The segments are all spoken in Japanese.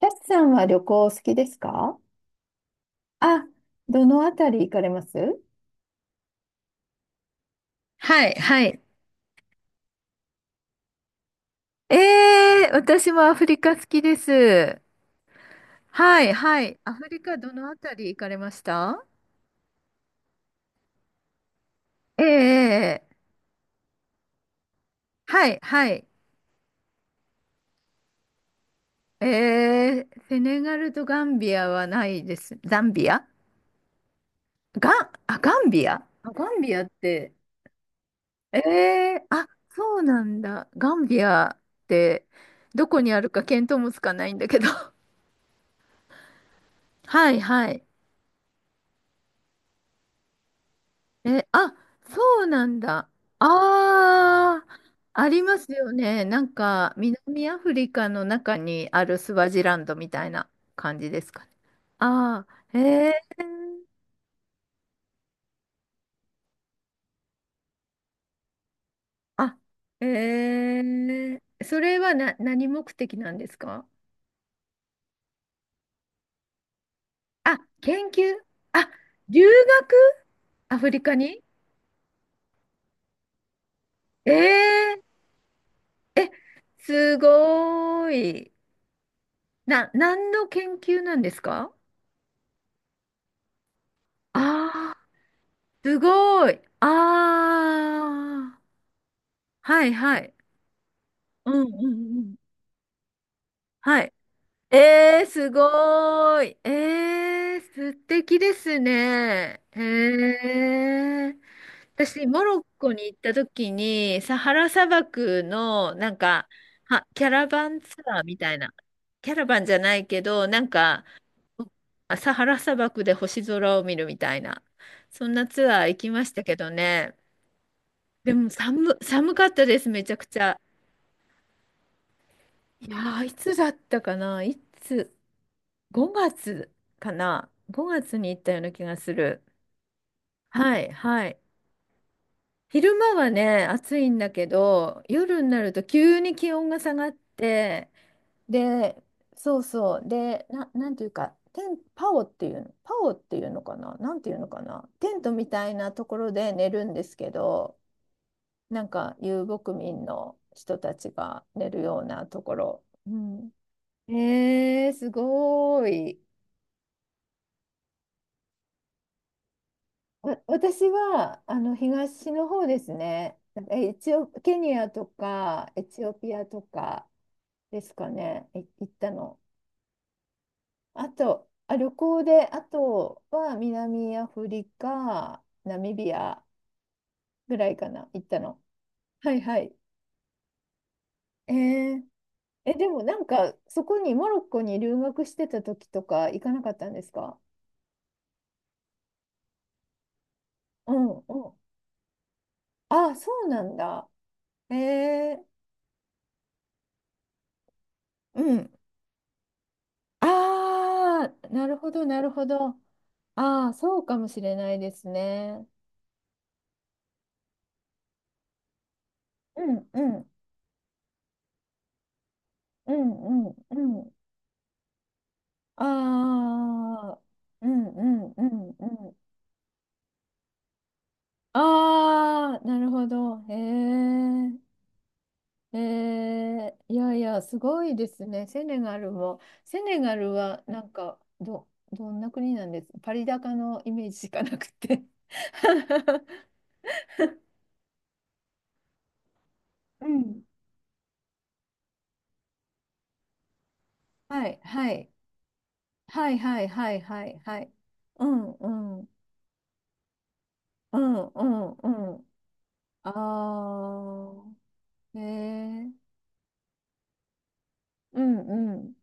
タスさんは旅行お好きですか？あ、どのあたり行かれます？はい、はい。えー、私もアフリカ好きです。はい、はい。アフリカどのあたり行かれました？えーえー。はい、はい。えー、セネガルとガンビアはないです。ザンビア？あ、ガンビア？あ、ガンビアって、えー、あ、そうなんだ。ガンビアって、どこにあるか見当もつかないんだけど。はい、はい。え、あ、そうなんだ。ああ、ありますよね。なんか、南アフリカの中にあるスワジランドみたいな感じですかね。ああ、へえ。あ、へえ。それは何目的なんですか？あ、研究？あ、留学？アフリカに？えええ、すごーい。何の研究なんですか？あ、すごい。ああ、はいはい。うんうんうん。はい。えー、すごーい。えー、素敵ですね。へえ。私、モロッコに行った時に、サハラ砂漠の、なんか、キャラバンツアーみたいな。キャラバンじゃないけど、なんか、あ、サハラ砂漠で星空を見るみたいな。そんなツアー行きましたけどね。でも寒かったです、めちゃくちゃ。いやー、いつだったかな、5月かな、5月に行ったような気がする。はい、はい。昼間はね、暑いんだけど、夜になると急に気温が下がって、で、そうそう、で、なんていうか、パオっていうの、パオっていうのかな、なんていうのかな、テントみたいなところで寝るんですけど、なんか遊牧民の人たちが寝るようなところ。うん。えー、すごーい。私はあの東の方ですね。なんかえエチオ、ケニアとかエチオピアとかですかね、行ったの。あと、あ、旅行で、あとは南アフリカ、ナミビアぐらいかな、行ったの。はいはい。えー、でもなんか、そこにモロッコに留学してた時とか行かなかったんですか？うんうん。ああ、そうなんだ。えー、うん。ああ、なるほど、なるほど。ああ、そうかもしれないですね。うんうんうんうんうん。ああ、うんうんうんうん。ああ、なるほど。へえ。えー、いやいや、すごいですね。セネガルも。セネガルは、なんか、どんな国なんです？パリ高のイメージしかなくて。うん。はい、はい、はい、はい、はい、はい、はい。うん、うん、うん、うん、うん。あー、えー、うん、うん、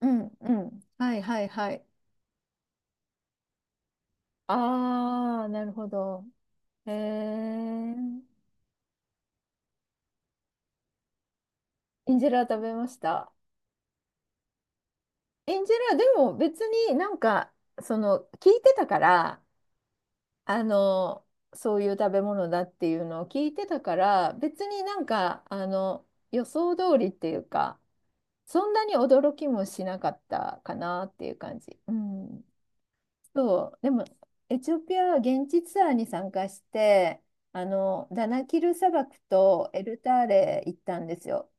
うん、うん。はい、はい、はい。あー、なるほど。えー、インジェラ食べました。エンジェラ、でも別になんか、その、聞いてたから、あの、そういう食べ物だっていうのを聞いてたから、別になんか、あの、予想通りっていうか、そんなに驚きもしなかったかなっていう感じ。うん。そう、でも、エチオピアは現地ツアーに参加して、あの、ダナキル砂漠とエルターレ行ったんですよ。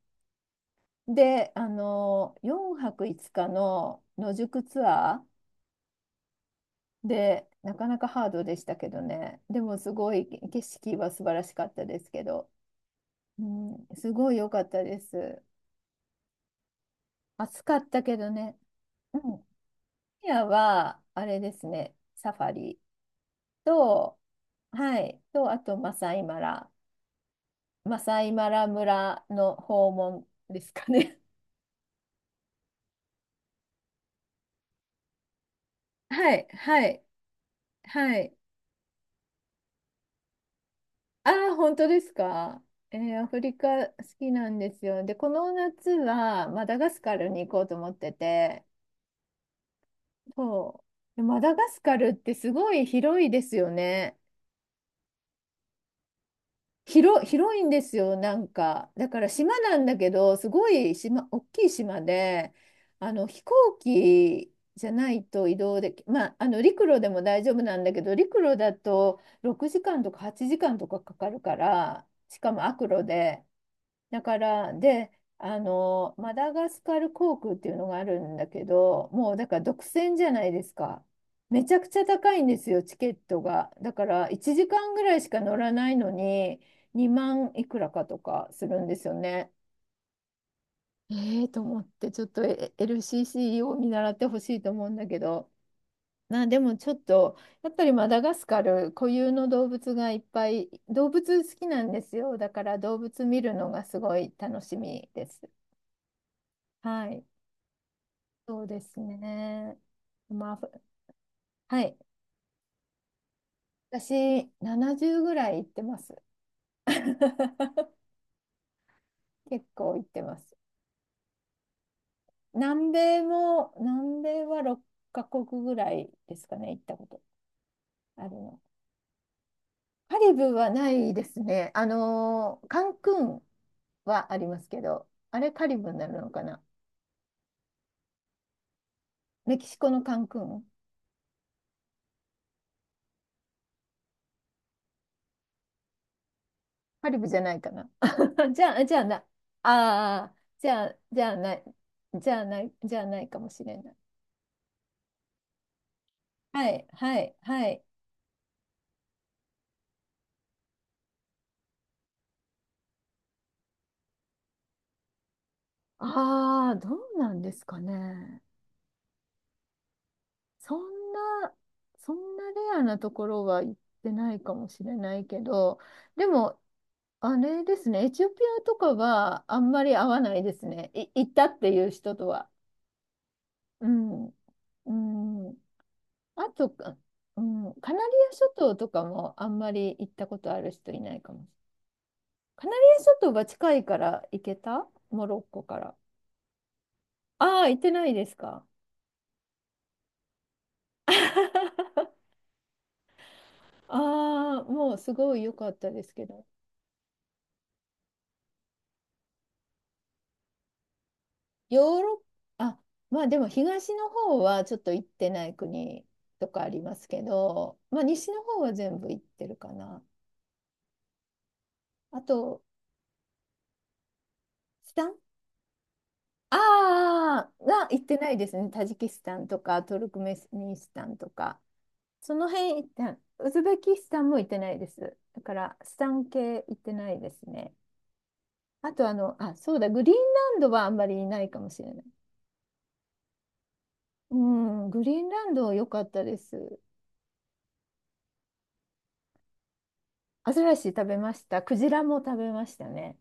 で、あの、4泊5日の野宿ツアー、で、なかなかハードでしたけどね。でもすごい景色は素晴らしかったですけど、うん、すごい良かったです。暑かったけどね。うん。ケニアは、あれですね、サファリと、はい、と、あとマサイマラ村の訪問ですかね。はい、はい、はい。ああ、本当ですか？えー、アフリカ好きなんですよ。で、この夏はマダガスカルに行こうと思ってて、そう。マダガスカルってすごい広いですよね。広いんですよ、なんか。だから島なんだけど、すごい島、大きい島で、あの飛行機じゃないと移動でき、まあ、あの陸路でも大丈夫なんだけど、陸路だと6時間とか8時間とかかかるから、しかも悪路で、だから、で、あの、マダガスカル航空っていうのがあるんだけど、もうだから独占じゃないですか。めちゃくちゃ高いんですよ、チケットが。だから1時間ぐらいしか乗らないのに、2万いくらかとかするんですよね。ええと思って、ちょっとLCC を見習ってほしいと思うんだけど。まあでもちょっと、やっぱりマダガスカル固有の動物がいっぱい、動物好きなんですよ。だから動物見るのがすごい楽しみです。はい。そうですね。まあ、はい。私、70ぐらい行ってます。結構行ってます。南米は6カ国ぐらいですかね、行ったことあるの。カリブはないですね。あのー、カンクンはありますけど、あれカリブになるのかな？メキシコのカンクン？カリブじゃないかな。 じゃあ、じゃあな、ああ、じゃあ、じゃあない、じゃあないかもしれない。はい、はい、はい。ああ、どうなんですかね。そんな、そんなレアなところは行ってないかもしれないけど、でも、あれですね、エチオピアとかはあんまり合わないですね。行ったっていう人とは。うん。うん。あと、うん、カナリア諸島とかもあんまり行ったことある人いないかもしれない。カナリア諸島は近いから行けた、モロッコから。ああ、行ってないですか？ああ、もうすごい良かったですけど、ヨーロッパ、あ、まあでも東の方はちょっと行ってない国とかありますけど、まあ西の方は全部行ってるかな。あと、スタンああー、は行ってないですね。タジキスタンとかトルクメニスタンとか、その辺行った、ウズベキスタンも行ってないです。だから、スタン系行ってないですね。あと、あの、あ、そうだ、グリーンランドはあんまりいないかもしれない。うん、グリーンランド良かったです。アザラシ食べました。クジラも食べましたね。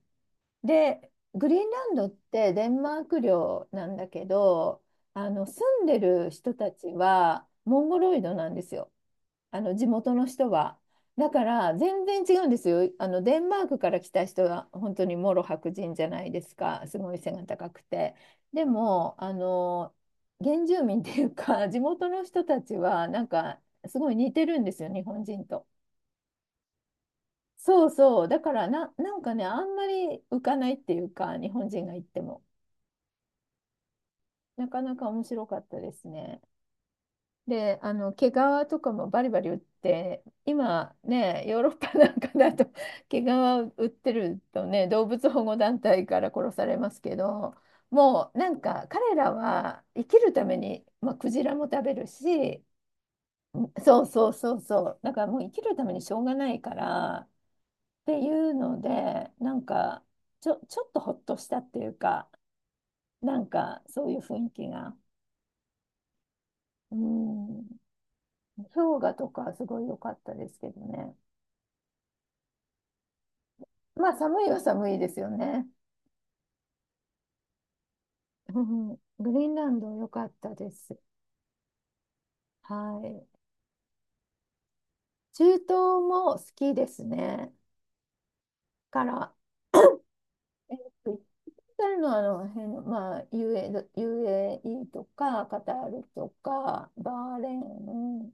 で、グリーンランドってデンマーク領なんだけど、あの住んでる人たちはモンゴロイドなんですよ。あの地元の人は。だから全然違うんですよ。あのデンマークから来た人は本当にもろ白人じゃないですか。すごい背が高くて。でも、あの原住民っていうか、地元の人たちはなんかすごい似てるんですよ、日本人と。そうそう。だからなんかね、あんまり浮かないっていうか、日本人が行っても。なかなか面白かったですね。で、あの毛皮とかもバリバリ売って、今ね、ヨーロッパなんかだと 毛皮売ってるとね、動物保護団体から殺されますけど、もうなんか彼らは生きるために、まあ、クジラも食べるし、そうそうそうそう、だからもう生きるためにしょうがないからっていうので、なんかちょっとほっとしたっていうか、なんかそういう雰囲気が。うん、氷河とかすごい良かったですけどね。まあ寒いは寒いですよね。うんうんグリーンランド良かったです。はい。中東も好きですね。から、えっと、行ったのはあの辺の、まあ、UAE とか、カタールとか、バーレーン、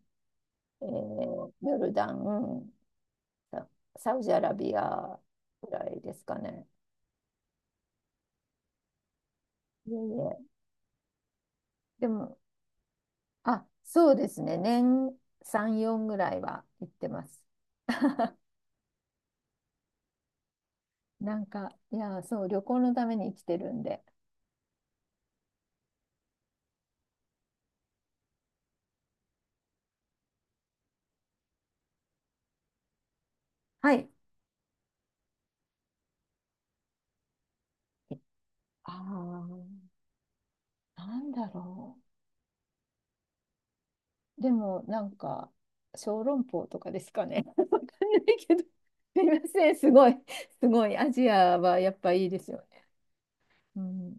ヨルダン、ササウジアラビアぐらいですかね。いえいえ。でも、あ、そうですね。年3、4ぐらいは行ってます。なんか、いや、そう、旅行のために生きてるんで。はい。ああ、なんだろう。でも、なんか、小籠包とかですかね。わかんないけど。すいません、すごい、すごい。アジアはやっぱいいですよね。うん